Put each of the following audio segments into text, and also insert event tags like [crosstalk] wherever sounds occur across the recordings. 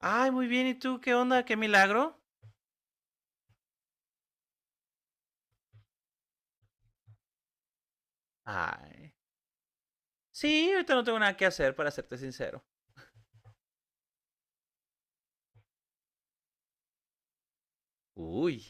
Ay, muy bien. ¿Y tú qué onda? ¿Qué milagro? Ay. Sí, ahorita no tengo nada que hacer, para serte sincero. Uy.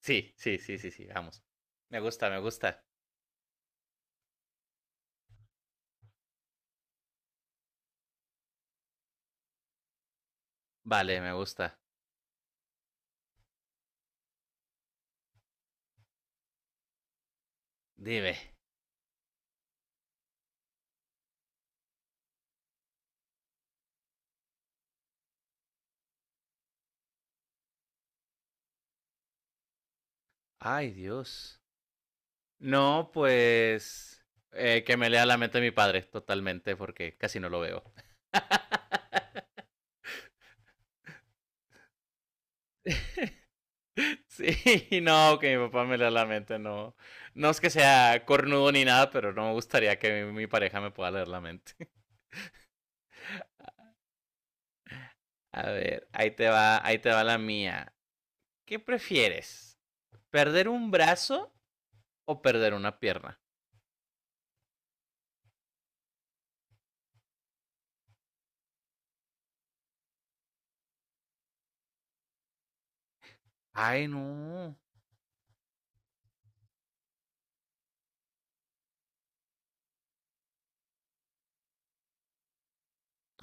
Sí, sí, sí, sí, sí. Vamos. Me gusta, me gusta. Vale, me gusta. Dime. Ay, Dios. No, pues que me lea la mente de mi padre, totalmente, porque casi no lo veo. [laughs] Sí, no, que mi papá me lea la mente, no. No es que sea cornudo ni nada, pero no me gustaría que mi pareja me pueda leer la mente. A ver, ahí te va la mía. ¿Qué prefieres? ¿Perder un brazo o perder una pierna? Ay, no.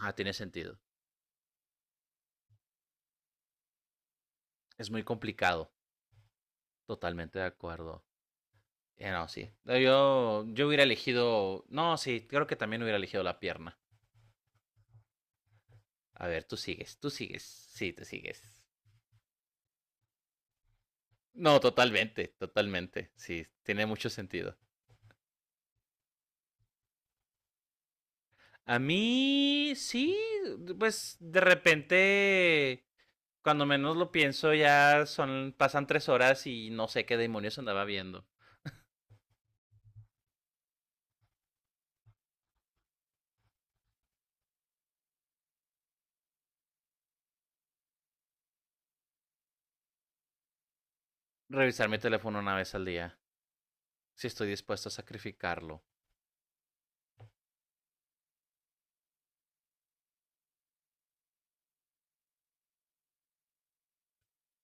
Ah, tiene sentido. Es muy complicado. Totalmente de acuerdo. No, sí. No, yo hubiera elegido. No, sí, creo que también hubiera elegido la pierna. A ver, tú sigues, tú sigues. Sí, tú sigues. No, totalmente, totalmente. Sí, tiene mucho sentido. A mí, sí, pues de repente cuando menos lo pienso, ya son, pasan 3 horas y no sé qué demonios andaba viendo. Revisar mi teléfono una vez al día, si estoy dispuesto a sacrificarlo.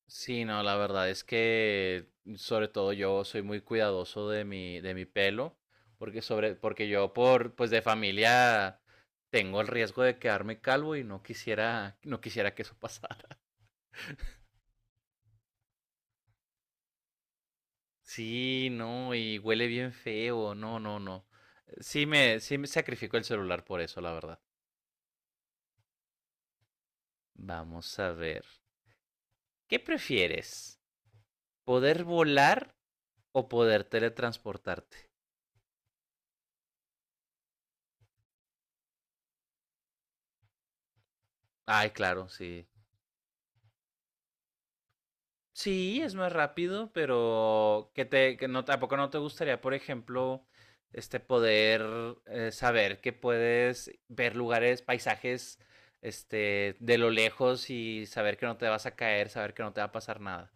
Sí, no, la verdad es que sobre todo yo soy muy cuidadoso de de mi pelo, porque sobre, porque yo por, pues de familia tengo el riesgo de quedarme calvo y no quisiera, no quisiera que eso [laughs] pasara. Sí, no, y huele bien feo, no, no, no. Sí me sacrifico el celular por eso, la verdad. Vamos a ver. ¿Qué prefieres? ¿Poder volar o poder teletransportarte? Ay, claro, sí. Sí, es más rápido, pero que no, tampoco no te gustaría, por ejemplo, este poder saber que puedes ver lugares, paisajes, este, de lo lejos y saber que no te vas a caer, saber que no te va a pasar nada.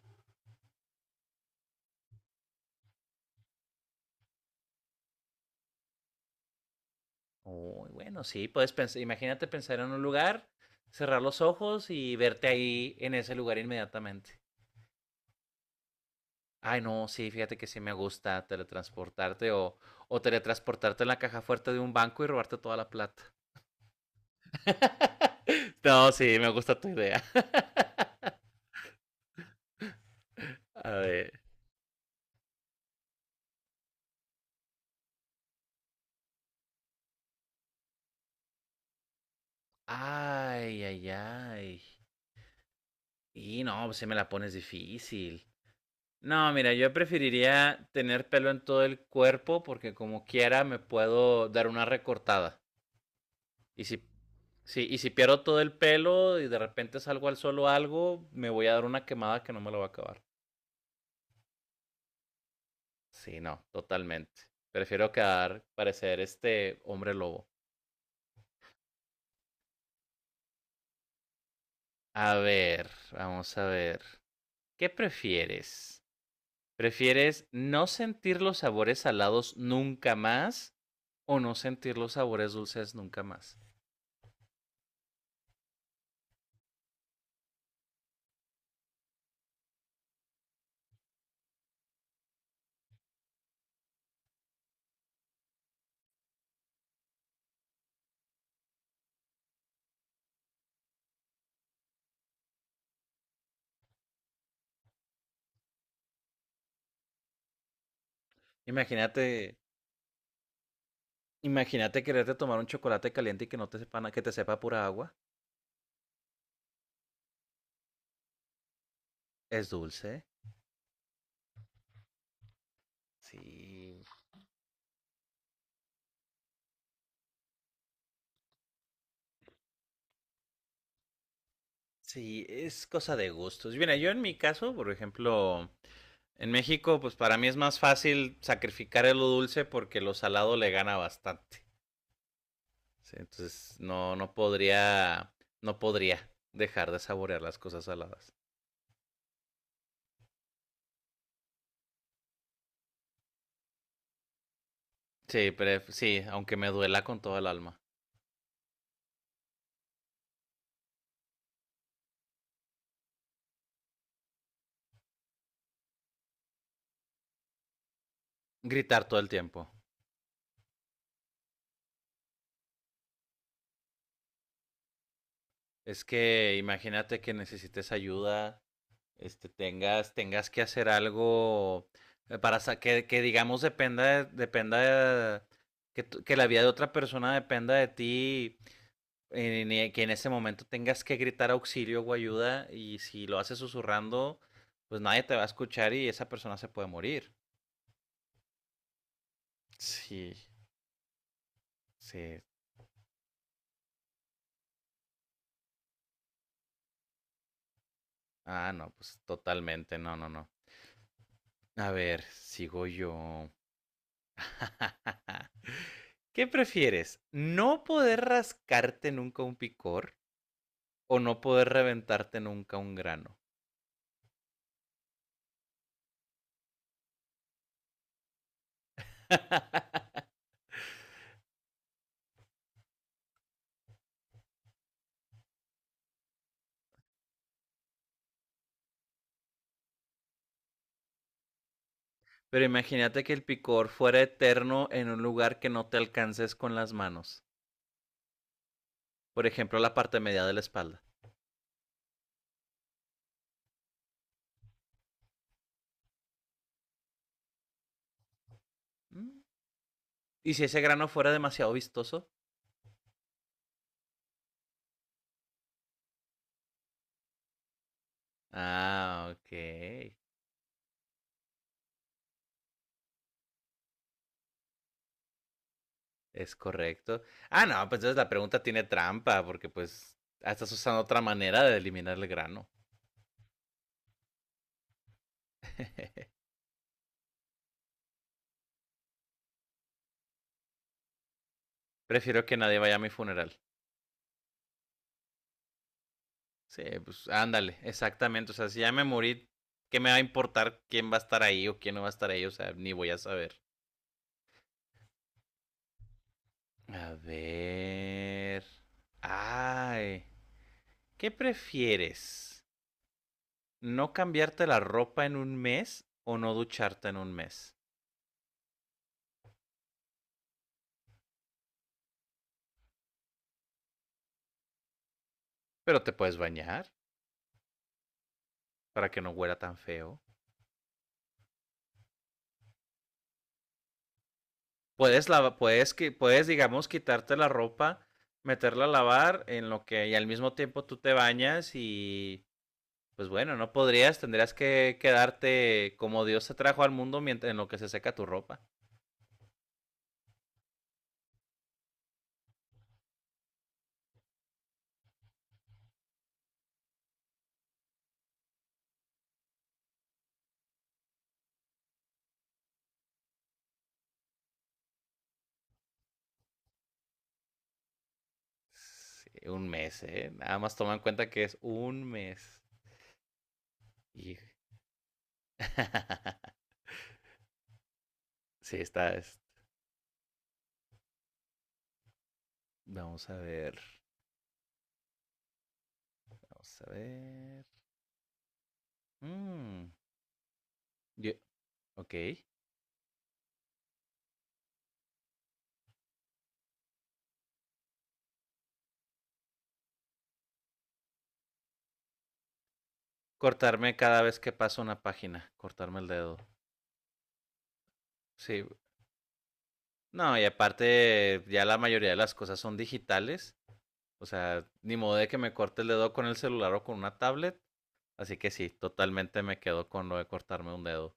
Uy, bueno, sí, puedes pensar, imagínate pensar en un lugar, cerrar los ojos y verte ahí en ese lugar inmediatamente. Ay, no, sí, fíjate que sí me gusta teletransportarte o teletransportarte en la caja fuerte de un banco y robarte toda la plata. [laughs] No, sí, me gusta tu idea. [laughs] A ver. Ay, ay, ay. Y no, pues sí me la pones difícil. No, mira, yo preferiría tener pelo en todo el cuerpo porque como quiera me puedo dar una recortada. Y si, sí, y si pierdo todo el pelo y de repente salgo al solo algo, me voy a dar una quemada que no me lo va a acabar. Sí, no, totalmente. Prefiero quedar, parecer este hombre lobo. A ver, vamos a ver. ¿Qué prefieres? ¿Prefieres no sentir los sabores salados nunca más o no sentir los sabores dulces nunca más? Imagínate, imagínate quererte tomar un chocolate caliente y que no te sepa, que te sepa pura agua. Es dulce. Sí, sí, es cosa de gustos. Mira, yo en mi caso, por ejemplo, en México, pues para mí es más fácil sacrificar el lo dulce porque lo salado le gana bastante. ¿Sí? Entonces, no, no podría, no podría dejar de saborear las cosas saladas. Sí, pero sí, aunque me duela con todo el alma. Gritar todo el tiempo. Es que imagínate que necesites ayuda, este, tengas, tengas que hacer algo para que digamos dependa, dependa de, que, que la vida de otra persona dependa de ti, que en ese momento tengas que gritar auxilio o ayuda y si lo haces susurrando, pues nadie te va a escuchar y esa persona se puede morir. Sí, sí. Ah, no, pues totalmente, no, no, no. A ver, sigo yo. [laughs] ¿Qué prefieres? ¿No poder rascarte nunca un picor o no poder reventarte nunca un grano? Pero imagínate que el picor fuera eterno en un lugar que no te alcances con las manos. Por ejemplo, la parte media de la espalda. Mm. ¿Y si ese grano fuera demasiado vistoso? Ah, ok. Es correcto. Ah, no, pues entonces la pregunta tiene trampa, porque pues ah, estás usando otra manera de eliminar el grano. [laughs] Prefiero que nadie vaya a mi funeral. Sí, pues ándale, exactamente. O sea, si ya me morí, ¿qué me va a importar quién va a estar ahí o quién no va a estar ahí? O sea, ni voy a saber. A ver. Ay, ¿qué prefieres? ¿No cambiarte la ropa en un mes o no ducharte en un mes? Pero te puedes bañar para que no huela tan feo. Puedes, puedes, puedes, digamos, quitarte la ropa, meterla a lavar, en lo que y al mismo tiempo tú te bañas y, pues bueno, no podrías, tendrías que quedarte como Dios te trajo al mundo mientras, en lo que se seca tu ropa. Sí, un mes, ¿eh? Nada más toma en cuenta que es un mes. Y... [laughs] sí, está. Vamos a ver, vamos a ver. Mm, yo- ok. Cortarme cada vez que paso una página, cortarme el dedo. Sí. No, y aparte, ya la mayoría de las cosas son digitales. O sea, ni modo de que me corte el dedo con el celular o con una tablet. Así que sí, totalmente me quedo con lo de cortarme un dedo.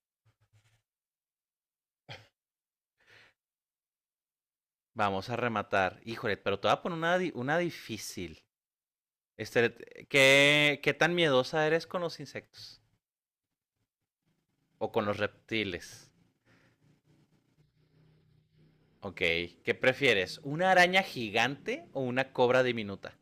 Vamos a rematar. Híjole, pero te voy a poner una difícil. Este, ¿qué tan miedosa eres con los insectos? ¿O con los reptiles? Ok. ¿Qué prefieres? ¿Una araña gigante o una cobra diminuta?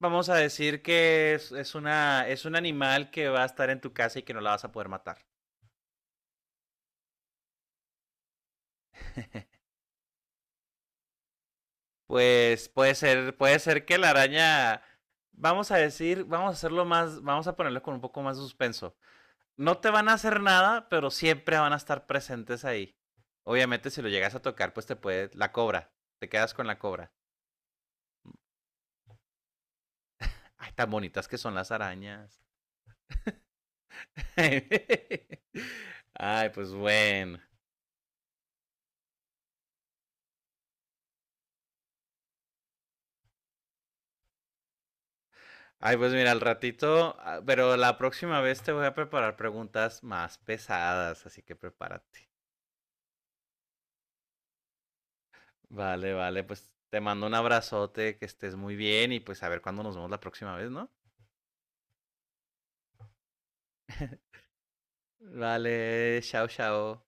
Vamos a decir que es una, es un animal que va a estar en tu casa y que no la vas a poder matar. Pues puede ser que la araña, vamos a decir, vamos a hacerlo más, vamos a ponerlo con un poco más de suspenso. No te van a hacer nada, pero siempre van a estar presentes ahí. Obviamente si lo llegas a tocar, pues te puede, la cobra, te quedas con la cobra. Ay, tan bonitas que son las arañas. [laughs] Ay, pues bueno. Ay, pues mira, al ratito, ah, pero la próxima vez te voy a preparar preguntas más pesadas, así que prepárate. Vale, vale, pues te mando un abrazote, que estés muy bien y pues a ver cuándo nos vemos la próxima vez, ¿no? Vale, chao, chao.